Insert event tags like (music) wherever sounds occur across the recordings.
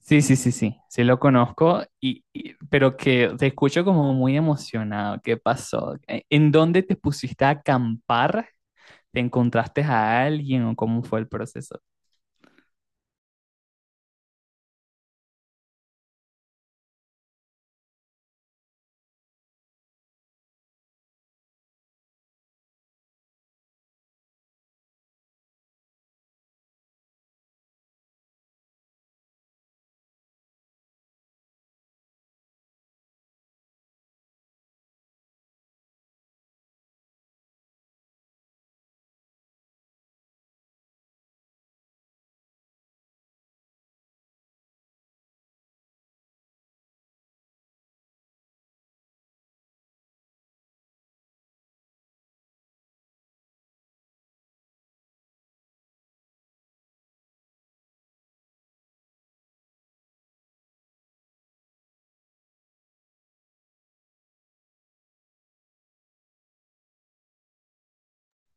Sí, sí, sí, sí, sí lo conozco, pero que te escucho como muy emocionado. ¿Qué pasó? ¿En dónde te pusiste a acampar? ¿Te encontraste a alguien o cómo fue el proceso?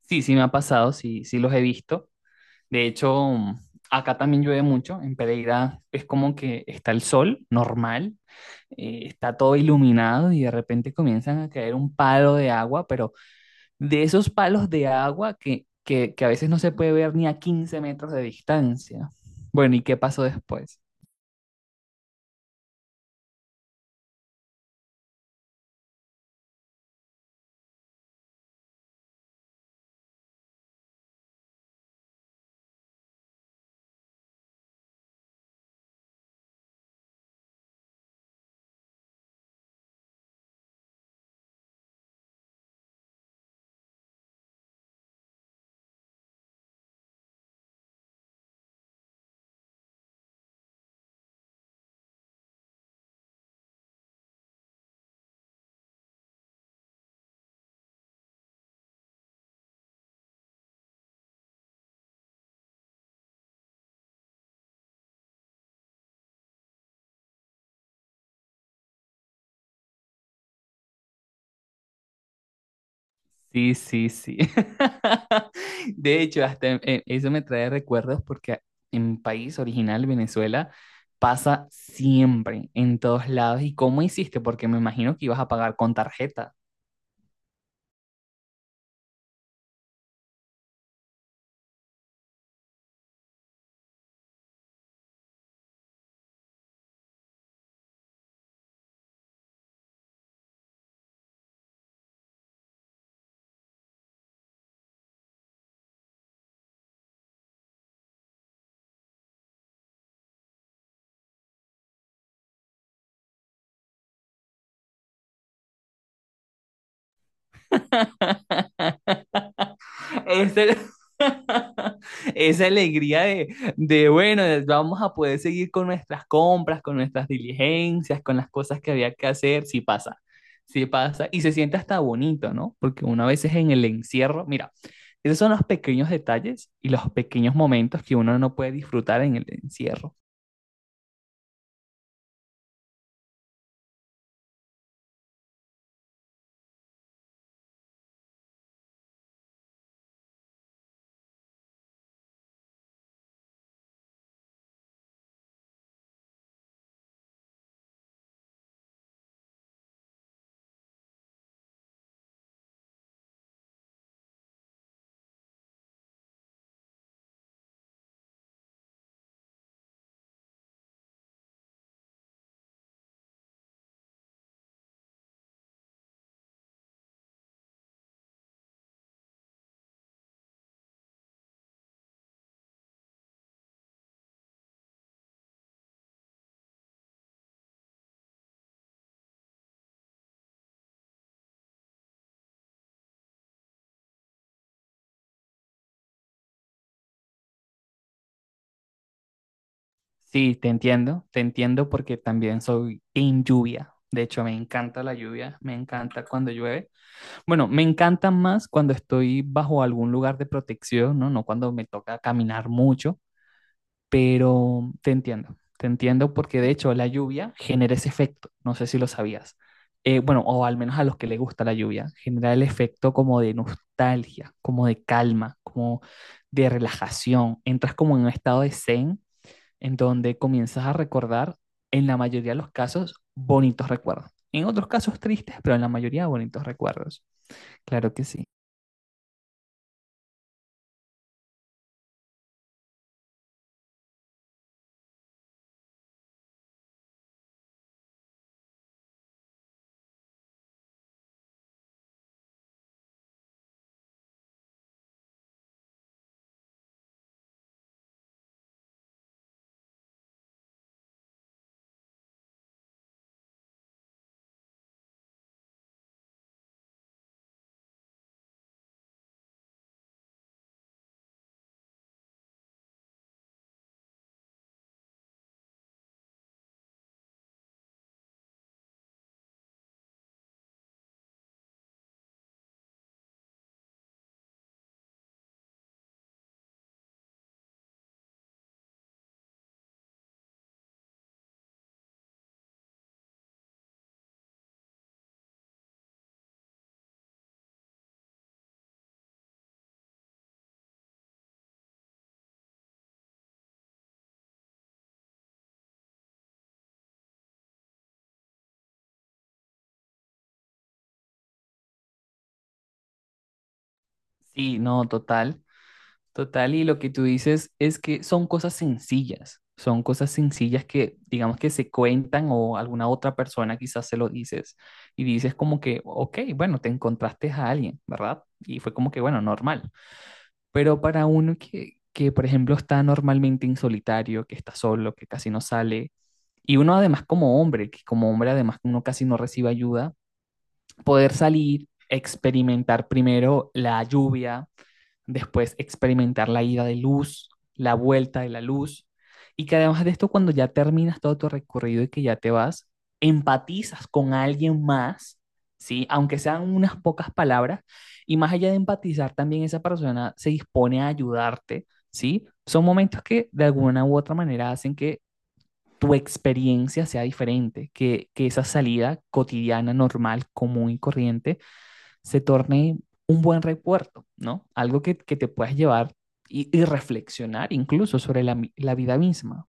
Sí, sí me ha pasado, sí, sí los he visto. De hecho, acá también llueve mucho. En Pereira es como que está el sol normal, está todo iluminado y de repente comienzan a caer un palo de agua, pero de esos palos de agua que a veces no se puede ver ni a 15 metros de distancia. Bueno, ¿y qué pasó después? Sí, sí, sí. (laughs) De hecho, eso me trae recuerdos porque en mi país original, Venezuela, pasa siempre, en todos lados. ¿Y cómo hiciste? Porque me imagino que ibas a pagar con tarjeta. (laughs) Esa, (laughs) esa alegría bueno, vamos a poder seguir con nuestras compras, con nuestras diligencias, con las cosas que había que hacer, sí pasa, y se siente hasta bonito, ¿no? Porque una vez es en el encierro, mira, esos son los pequeños detalles y los pequeños momentos que uno no puede disfrutar en el encierro. Sí, te entiendo porque también soy en lluvia. De hecho, me encanta la lluvia, me encanta cuando llueve. Bueno, me encantan más cuando estoy bajo algún lugar de protección, ¿no? No cuando me toca caminar mucho, pero te entiendo porque de hecho la lluvia genera ese efecto, no sé si lo sabías. Bueno, o al menos a los que les gusta la lluvia, genera el efecto como de nostalgia, como de calma, como de relajación. Entras como en un estado de zen en donde comienzas a recordar, en la mayoría de los casos, bonitos recuerdos. En otros casos tristes, pero en la mayoría bonitos recuerdos. Claro que sí. Sí, no, total, total. Y lo que tú dices es que son cosas sencillas que digamos que se cuentan o alguna otra persona quizás se lo dices y dices como que, ok, bueno, te encontraste a alguien, ¿verdad? Y fue como que, bueno, normal. Pero para uno por ejemplo, está normalmente en solitario, que está solo, que casi no sale, y uno además como hombre, que como hombre además uno casi no recibe ayuda, poder salir, experimentar primero la lluvia, después experimentar la ida de luz, la vuelta de la luz, y que además de esto, cuando ya terminas todo tu recorrido y que ya te vas, empatizas con alguien más, ¿sí? Aunque sean unas pocas palabras, y más allá de empatizar, también esa persona se dispone a ayudarte, ¿sí? Son momentos que de alguna u otra manera hacen que tu experiencia sea diferente, que esa salida cotidiana, normal, común y corriente se torne un buen recuerdo, ¿no? Algo que te puedas llevar reflexionar incluso sobre vida misma.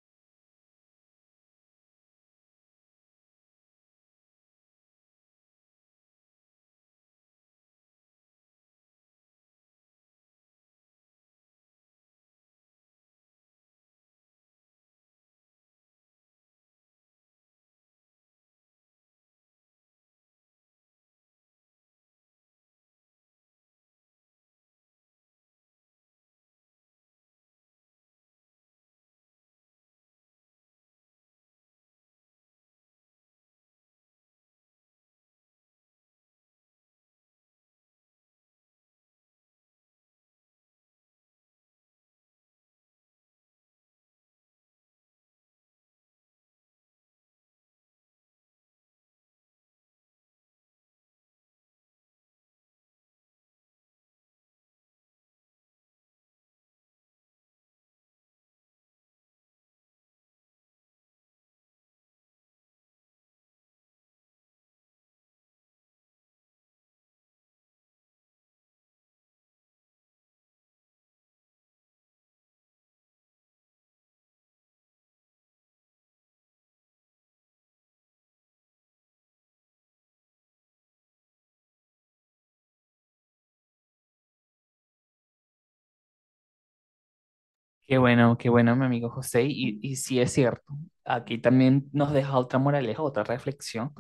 Qué bueno, mi amigo José, sí es cierto. Aquí también nos deja otra moraleja, otra reflexión,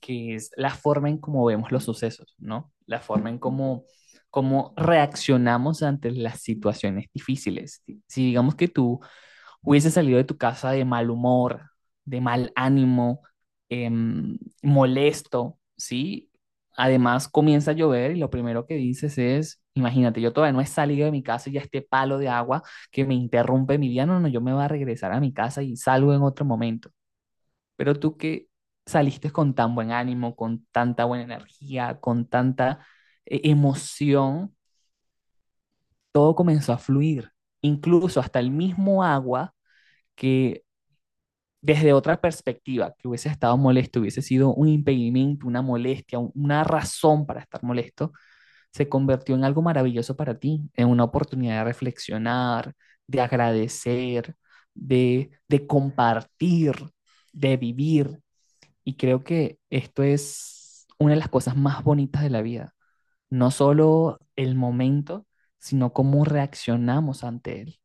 que es la forma en cómo vemos los sucesos, ¿no? La forma en cómo reaccionamos ante las situaciones difíciles. Si digamos que tú hubiese salido de tu casa de mal humor, de mal ánimo, molesto, ¿sí? Además comienza a llover y lo primero que dices es, imagínate, yo todavía no he salido de mi casa y ya este palo de agua que me interrumpe mi día, no, no, yo me voy a regresar a mi casa y salgo en otro momento. Pero tú que saliste con tan buen ánimo, con tanta buena energía, con tanta emoción, todo comenzó a fluir. Incluso hasta el mismo agua que desde otra perspectiva, que hubiese estado molesto, hubiese sido un impedimento, una molestia, una razón para estar molesto, se convirtió en algo maravilloso para ti, en una oportunidad de reflexionar, de agradecer, de compartir, de vivir. Y creo que esto es una de las cosas más bonitas de la vida, no solo el momento, sino cómo reaccionamos ante él.